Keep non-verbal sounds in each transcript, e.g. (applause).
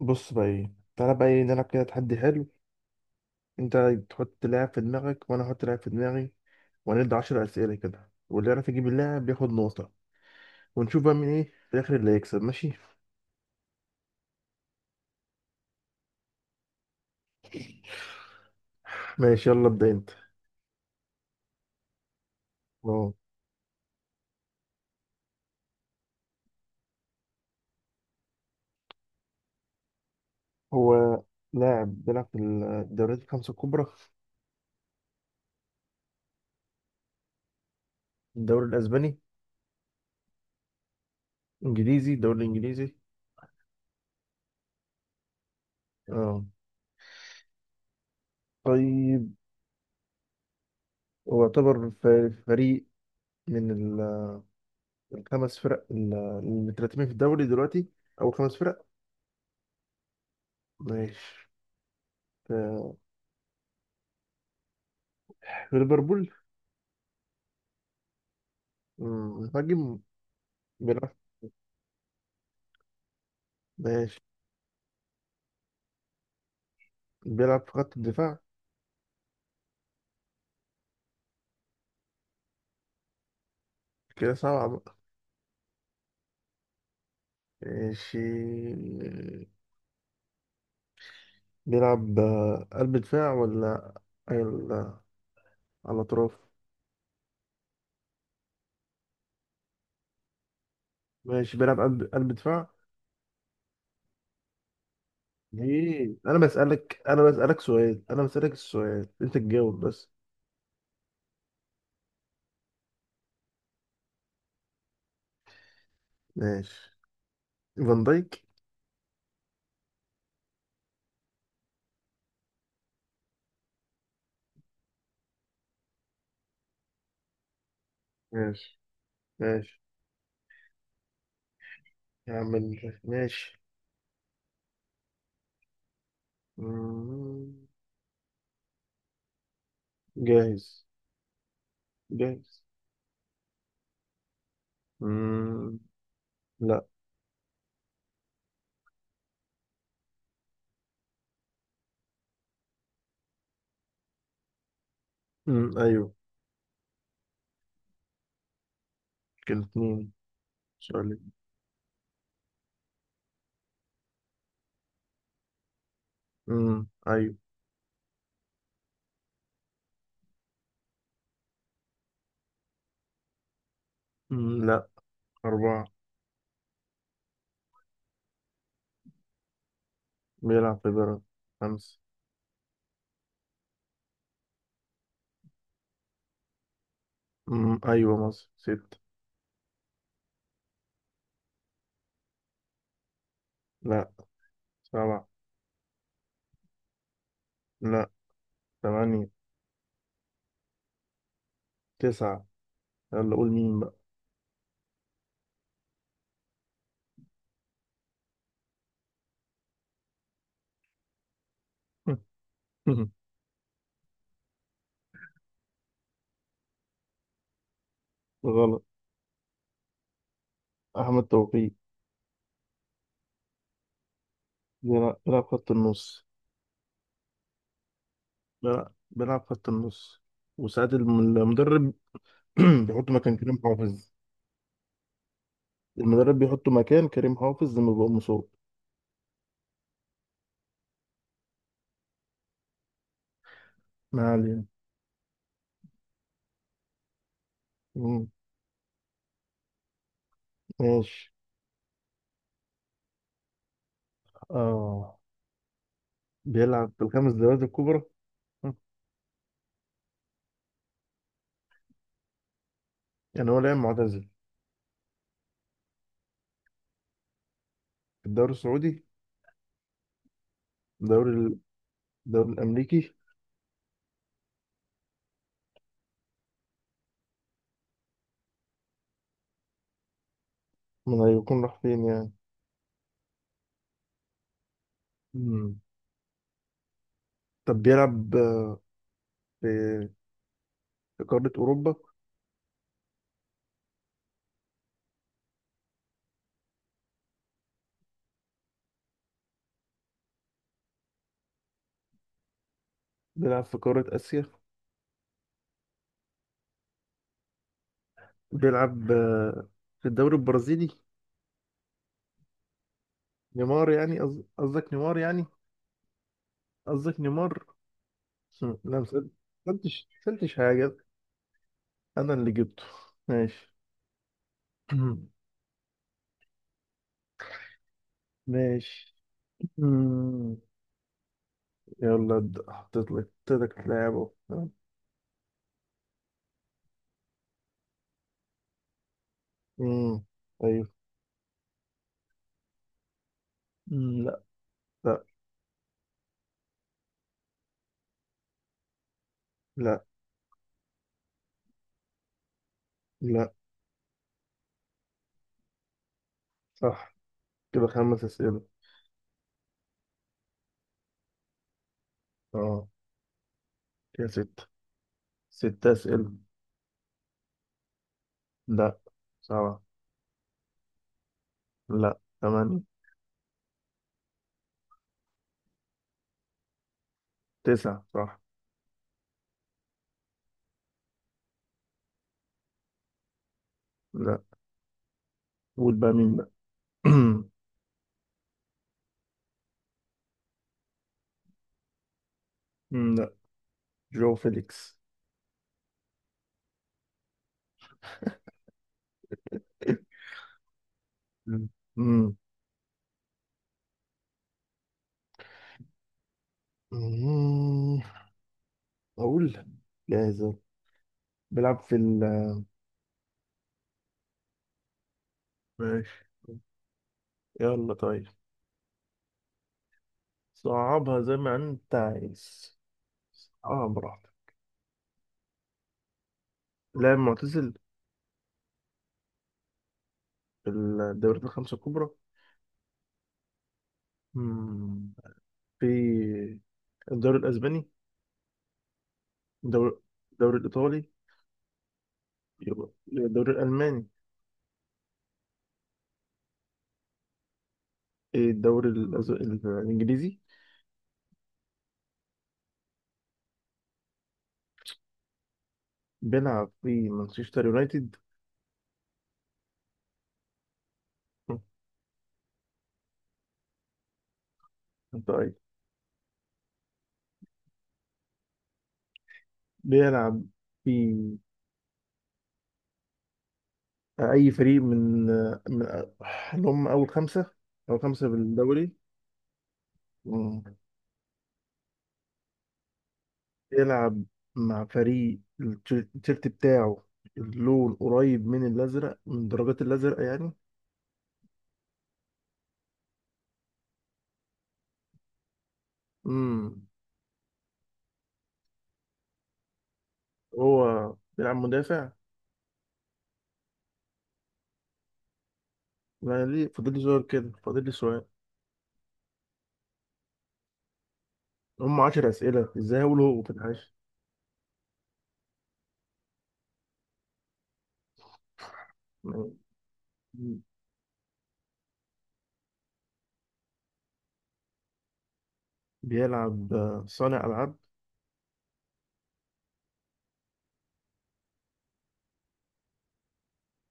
بص بقى ايه. تعالى بقى ايه نلعب كده تحدي حلو. انت تحط لاعب في دماغك، وانا احط لاعب في دماغي. وهنبدأ 10 اسئله كده، واللي يعرف يجيب اللاعب بياخد نقطه. ونشوف بقى مين ايه في الاخر اللي هيكسب. ماشي. ماشي يلا ابدا انت. اه. هو لاعب بيلعب في الدوريات الخمسه الكبرى. الدوري الاسباني. الدوري الانجليزي. اه. طيب. هو يعتبر فريق من الخمس فرق اللي مترتبين في الدوري دلوقتي، او خمس فرق. ماشي. في ليفربول. مهاجم بيلعب. ماشي. بيلعب في خط الدفاع. كده سبعة بقى. ماشي. بيلعب قلب دفاع ولا على أطراف. ماشي. بيلعب قلب دفاع. ليه؟ أنا بسألك السؤال، أنت تجاوب بس. ماشي. فان دايك. ماشي. ماشي. يعمل ماشي. مم، جاهز. جاهز. مم، لا. مم، أيوه. كده اتنين شغالين. امم، ايوه. امم، لا. أربعة. بيلعب في بيراميدز. خمسة. امم، أيوة. مصر. ستة. لا. سبعة. لا. ثمانية. تسعة. يلا قول مين بقى؟ (laughs) غلط. أحمد توفيق. بيلعب خط النص. بيلعب خط النص. وساعات المدرب (clears throat) بيحط مكان كريم حافظ. المدرب بيحط مكان كريم حافظ لما بيبقى مصاب. ما علينا. أمم، ماشي. اه بيلعب في الخمس دوريات الكبرى. مم. يعني هو لاعب معتزل؟ الدوري السعودي. الدوري ال- الدوري الأمريكي. من هيكون راح فين يعني؟ مم. طب بيلعب في في قارة أوروبا. بيلعب في قارة آسيا. بيلعب في الدوري البرازيلي. نيمار يعني، قصدك نيمار يعني. قصدك نيمار. مم. لا ما سألتش حاجة. أنا اللي جبته. ماشي. (clears throat) ماشي. مم. يلا ابدأ. حطيت لك لاعب أهو. مم. أيوه. مم. لا. لا. لا. لا. صح. كده خمس أسئلة. اه. كده ستة. ستة أسئلة. لا. سبعة. لا. ثمانية. تسعة. صح. لا. قول بقى مين بقى؟ (clears throat) مم، لا. جو فيليكس. مم. مم. مم. أقول. جاهز أهو. بيلعب في ال ماشي. يلا طيب. صعبها زي ما أنت عايز. صعبها براحتك. لاعب معتزل؟ في الدوريات الخمسة الكبرى. مم. في الدوري الأسباني. الدوري الدوري الإيطالي. يبقى الدوري الألماني. إيه الإنجليزي. بيلعب في مانشستر يونايتد. طيب بيلعب في أي فريق من اللي هم أول خمسة، أو خمسة بالدوري. مم. بيلعب مع فريق التيشيرت بتاعه. اللون قريب من الأزرق، من درجات الأزرق يعني. مم. هو بيلعب مدافع؟ لا، ليه؟ فاضل لي سؤال. كده فاضل لي سؤال. هم 10 أسئلة، إزاي هقول هو في الحاجة؟ مم. بيلعب صانع ألعاب.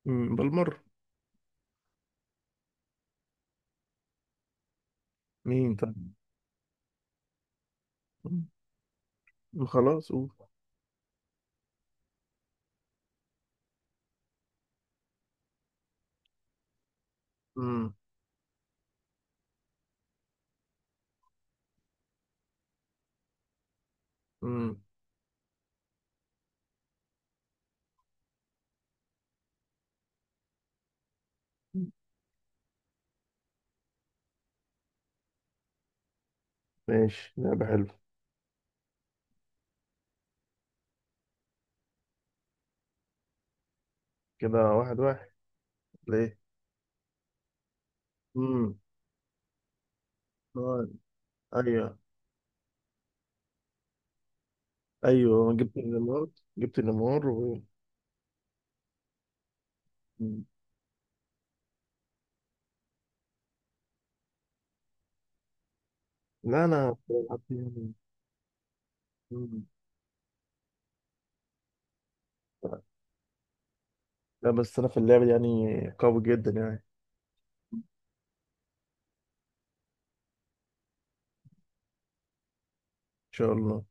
بالمرة. مين؟ طيب. مم، خلاص قول. مم، مم. ماشي، لعبة حلوة. كده واحد واحد. ليه؟ مم. آه، أيوه. أيوه جبت النمار. جبت النمار و... مم. لا، أنا بلعب يعني. مم. لا بس أنا في اللعبة دي يعني قوي جدا، يعني إن شاء الله.